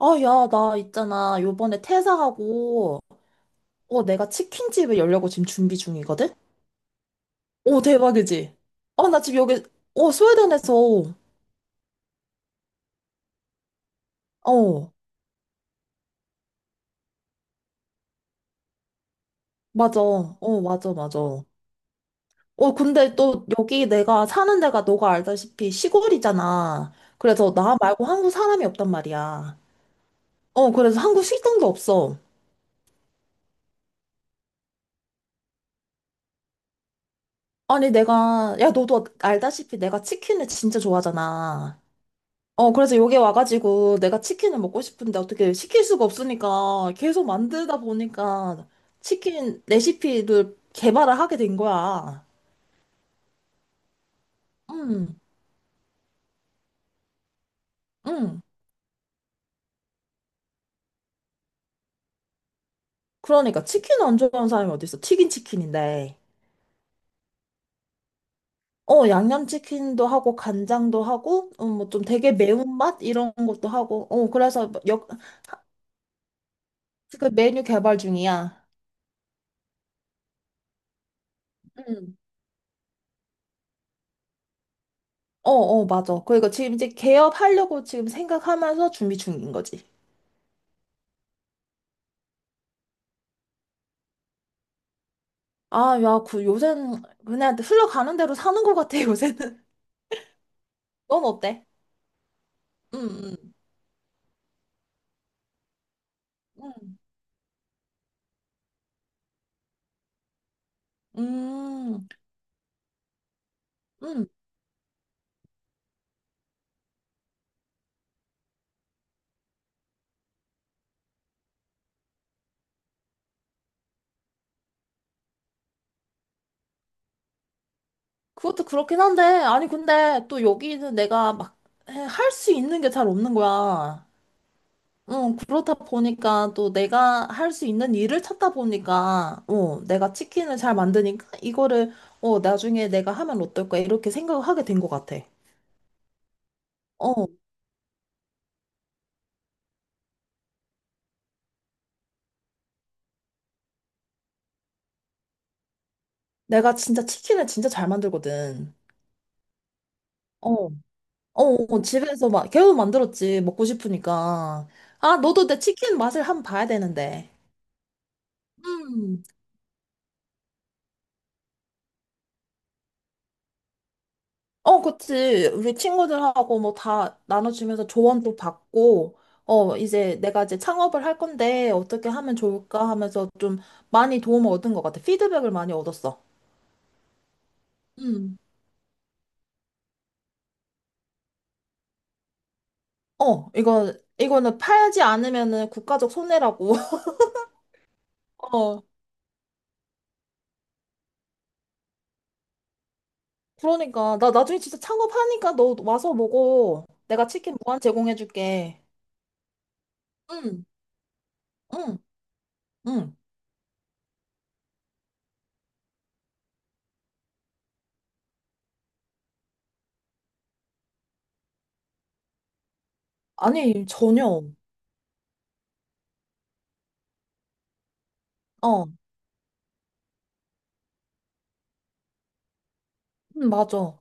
아, 야, 나 있잖아. 요번에 퇴사하고, 내가 치킨집을 열려고 지금 준비 중이거든? 오, 대박이지? 나 지금 여기, 스웨덴에서, 어, 맞아. 맞아, 맞아. 근데 또 여기 내가 사는 데가 너가 알다시피 시골이잖아. 그래서 나 말고 한국 사람이 없단 말이야. 그래서 한국 식당도 없어. 아니, 내가, 야, 너도 알다시피 내가 치킨을 진짜 좋아하잖아. 그래서 여기 와가지고 내가 치킨을 먹고 싶은데 어떻게 시킬 수가 없으니까 계속 만들다 보니까 치킨 레시피를 개발을 하게 된 거야. 응, 응. 그러니까 치킨 안 좋아하는 사람이 어딨어? 튀긴 치킨인데. 양념치킨도 하고 간장도 하고 뭐좀 되게 매운맛 이런 것도 하고. 그래서 뭐 역, 하- 그 메뉴 개발 중이야. 응. 맞아. 그러니까 지금 이제 개업하려고 지금 생각하면서 준비 중인 거지. 아, 야, 그 요새는 그냥 흘러가는 대로 사는 것 같아, 요새는. 넌 어때? 응, 응, 응, 응, 응. 그것도 그렇긴 한데, 아니, 근데 또 여기는 내가 막 할 수 있는 게 잘 없는 거야. 응, 그렇다 보니까 또 내가 할 수 있는 일을 찾다 보니까, 내가 치킨을 잘 만드니까 이거를, 나중에 내가 하면 어떨까, 이렇게 생각을 하게 된 것 같아. 어, 내가 진짜 치킨을 진짜 잘 만들거든. 어. 집에서 막 계속 만들었지. 먹고 싶으니까. 아, 너도 내 치킨 맛을 한번 봐야 되는데. 음. 어, 그치. 우리 친구들하고 뭐 다 나눠주면서 조언도 받고, 이제 내가 이제 창업을 할 건데 어떻게 하면 좋을까 하면서 좀 많이 도움을 얻은 것 같아. 피드백을 많이 얻었어. 음. 이거, 이거는 팔지 않으면은 국가적 손해라고. 어. 그러니까. 나 나중에 진짜 창업하니까 너 와서 먹어. 내가 치킨 무한 제공해줄게. 응. 응, 응. 아니, 전혀. 어, 응, 맞아.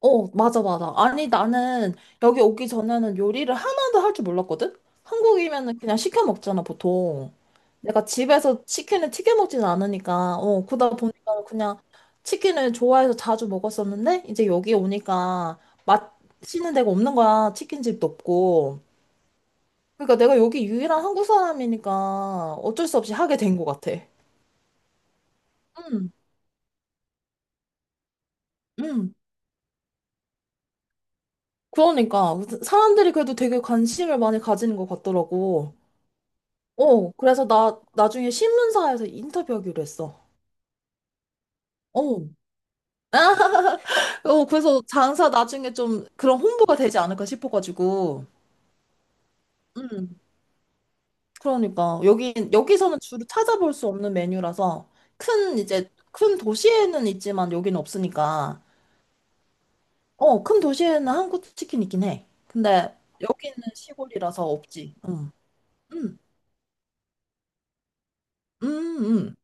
맞아, 맞아. 아니, 나는 여기 오기 전에는 요리를 하나도 할 줄 몰랐거든? 한국이면은 그냥 시켜 먹잖아, 보통. 내가 집에서 치킨을 튀겨 먹진 않으니까, 그러다 보니까 그냥 치킨을 좋아해서 자주 먹었었는데, 이제 여기 오니까 맛있는 데가 없는 거야. 치킨집도 없고. 그러니까 내가 여기 유일한 한국 사람이니까 어쩔 수 없이 하게 된 것 같아. 응, 응. 그러니까 사람들이 그래도 되게 관심을 많이 가지는 것 같더라고. 어, 그래서 나 나중에 신문사에서 인터뷰하기로 했어. 어, 그래서 장사 나중에 좀 그런 홍보가 되지 않을까 싶어가지고. 음, 그러니까 여기서는 주로 찾아볼 수 없는 메뉴라서 큰 이제 큰 도시에는 있지만 여기는 없으니까. 어, 큰 도시에는 한국 치킨 있긴 해. 근데 여기는 시골이라서 없지. 응, 응, 응, 응.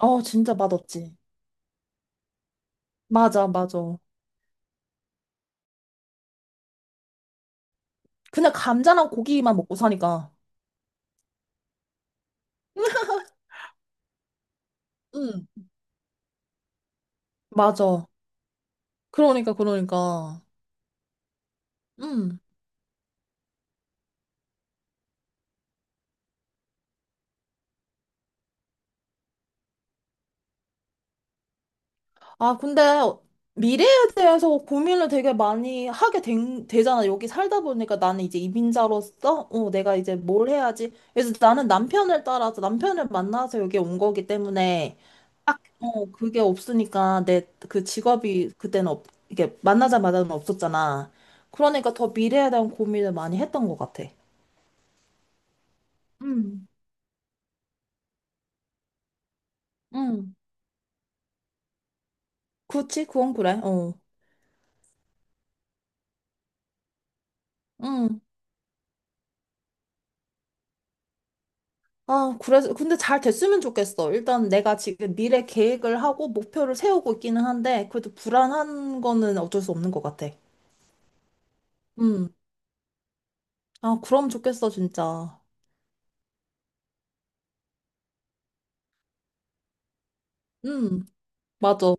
어, 진짜 맛없지. 맞아, 맞아. 그냥 감자랑 고기만 먹고 사니까. 응. 맞아. 그러니까, 그러니까. 음. 아, 근데 미래에 대해서 고민을 되게 많이 하게 된, 되잖아. 여기 살다 보니까 나는 이제 이민자로서, 내가 이제 뭘 해야지. 그래서 나는 남편을 따라서, 남편을 만나서 여기 온 거기 때문에, 딱, 그게 없으니까 내 그 직업이 그때는 없, 이게 만나자마자는 없었잖아. 그러니까 더 미래에 대한 고민을 많이 했던 것 같아. 음. 음. 그치, 그건 그래. 어. 응. 아, 그래서, 근데 잘 됐으면 좋겠어. 일단 내가 지금 미래 계획을 하고 목표를 세우고 있기는 한데, 그래도 불안한 거는 어쩔 수 없는 것 같아. 음. 아, 그럼 좋겠어, 진짜. 음, 맞아.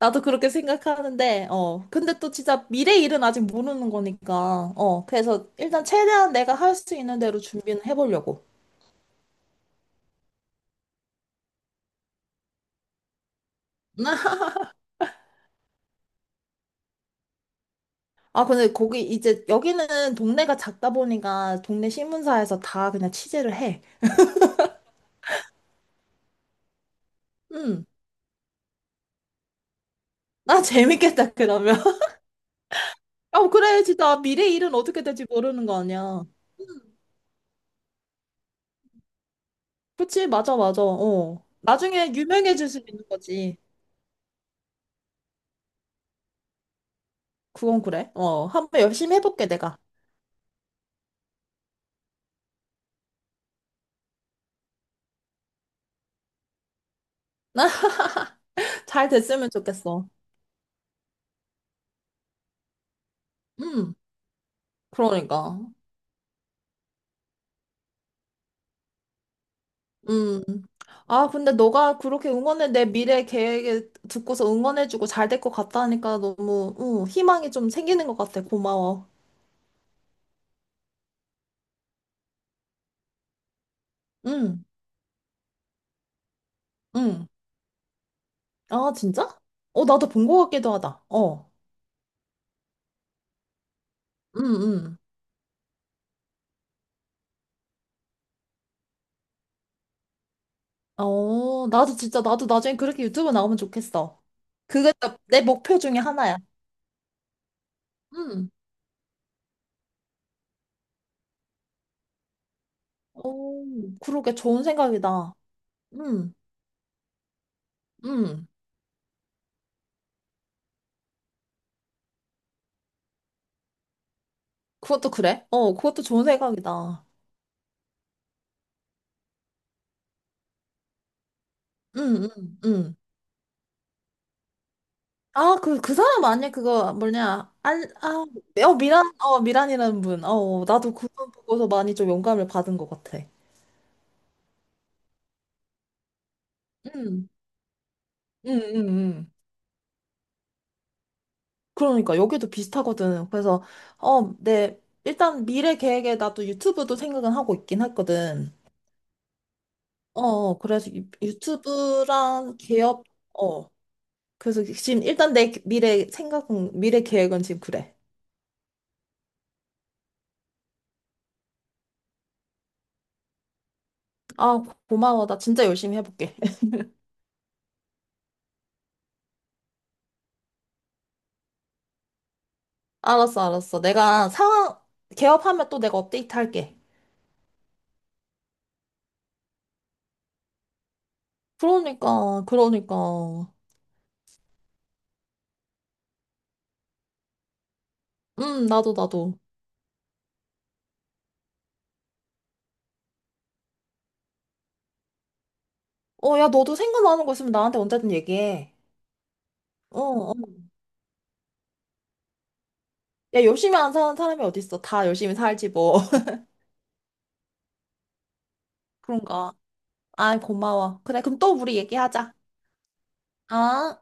나도 그렇게 생각하는데, 어. 근데 또 진짜 미래 일은 아직 모르는 거니까, 어. 그래서 일단 최대한 내가 할 수 있는 대로 준비는 해보려고. 아, 근데 거기 이제 여기는 동네가 작다 보니까 동네 신문사에서 다 그냥 취재를 해. 음. 나 재밌겠다, 그러면. 아, 그래, 진짜. 미래 일은 어떻게 될지 모르는 거 아니야. 그치, 맞아, 맞아. 어. 나중에 유명해질 수 있는 거지. 그건 그래. 어. 한번 열심히 해볼게, 내가. 잘 됐으면 좋겠어. 음, 그러니까. 음. 아, 근데 너가 그렇게 응원해, 내 미래 계획에 듣고서 응원해주고 잘 될 것 같다니까 너무, 희망이 좀 생기는 것 같아. 고마워. 음, 음. 아, 진짜? 어, 나도 본 것 같기도 하다. 어. 음, 음. 어, 나도 진짜, 나도 나중에 그렇게 유튜브 나오면 좋겠어. 그게 진짜 내 목표 중에 하나야. 음. 오, 그러게 좋은 생각이다. 음, 음. 그것도 그래? 어, 그것도 좋은 생각이다. 음, 음, 음. 아, 그, 그 사람 아니야? 그거 뭐냐? 알, 아, 미란, 미란이라는 분. 어, 나도 그분 보고서 많이 좀 영감을 받은 것 같아. 음, 음, 음, 음. 그러니까 여기도 비슷하거든. 그래서 내 일단 미래 계획에 나도 유튜브도 생각은 하고 있긴 했거든. 그래서 유튜브랑 기업 어. 그래서 지금 일단 내 미래 생각은 미래 계획은 지금 그래. 아, 고마워. 나 진짜 열심히 해볼게. 알았어, 알았어. 내가 상황 개업하면 또 내가 업데이트 할게. 그러니까, 그러니까. 나도 나도. 야, 너도 생각나는 거 있으면 나한테 언제든 얘기해. 어. 어. 야, 열심히 안 사는 사람이 어딨어. 다 열심히 살지, 뭐. 그런가. 아, 고마워. 그래, 그럼 또 우리 얘기하자. 아.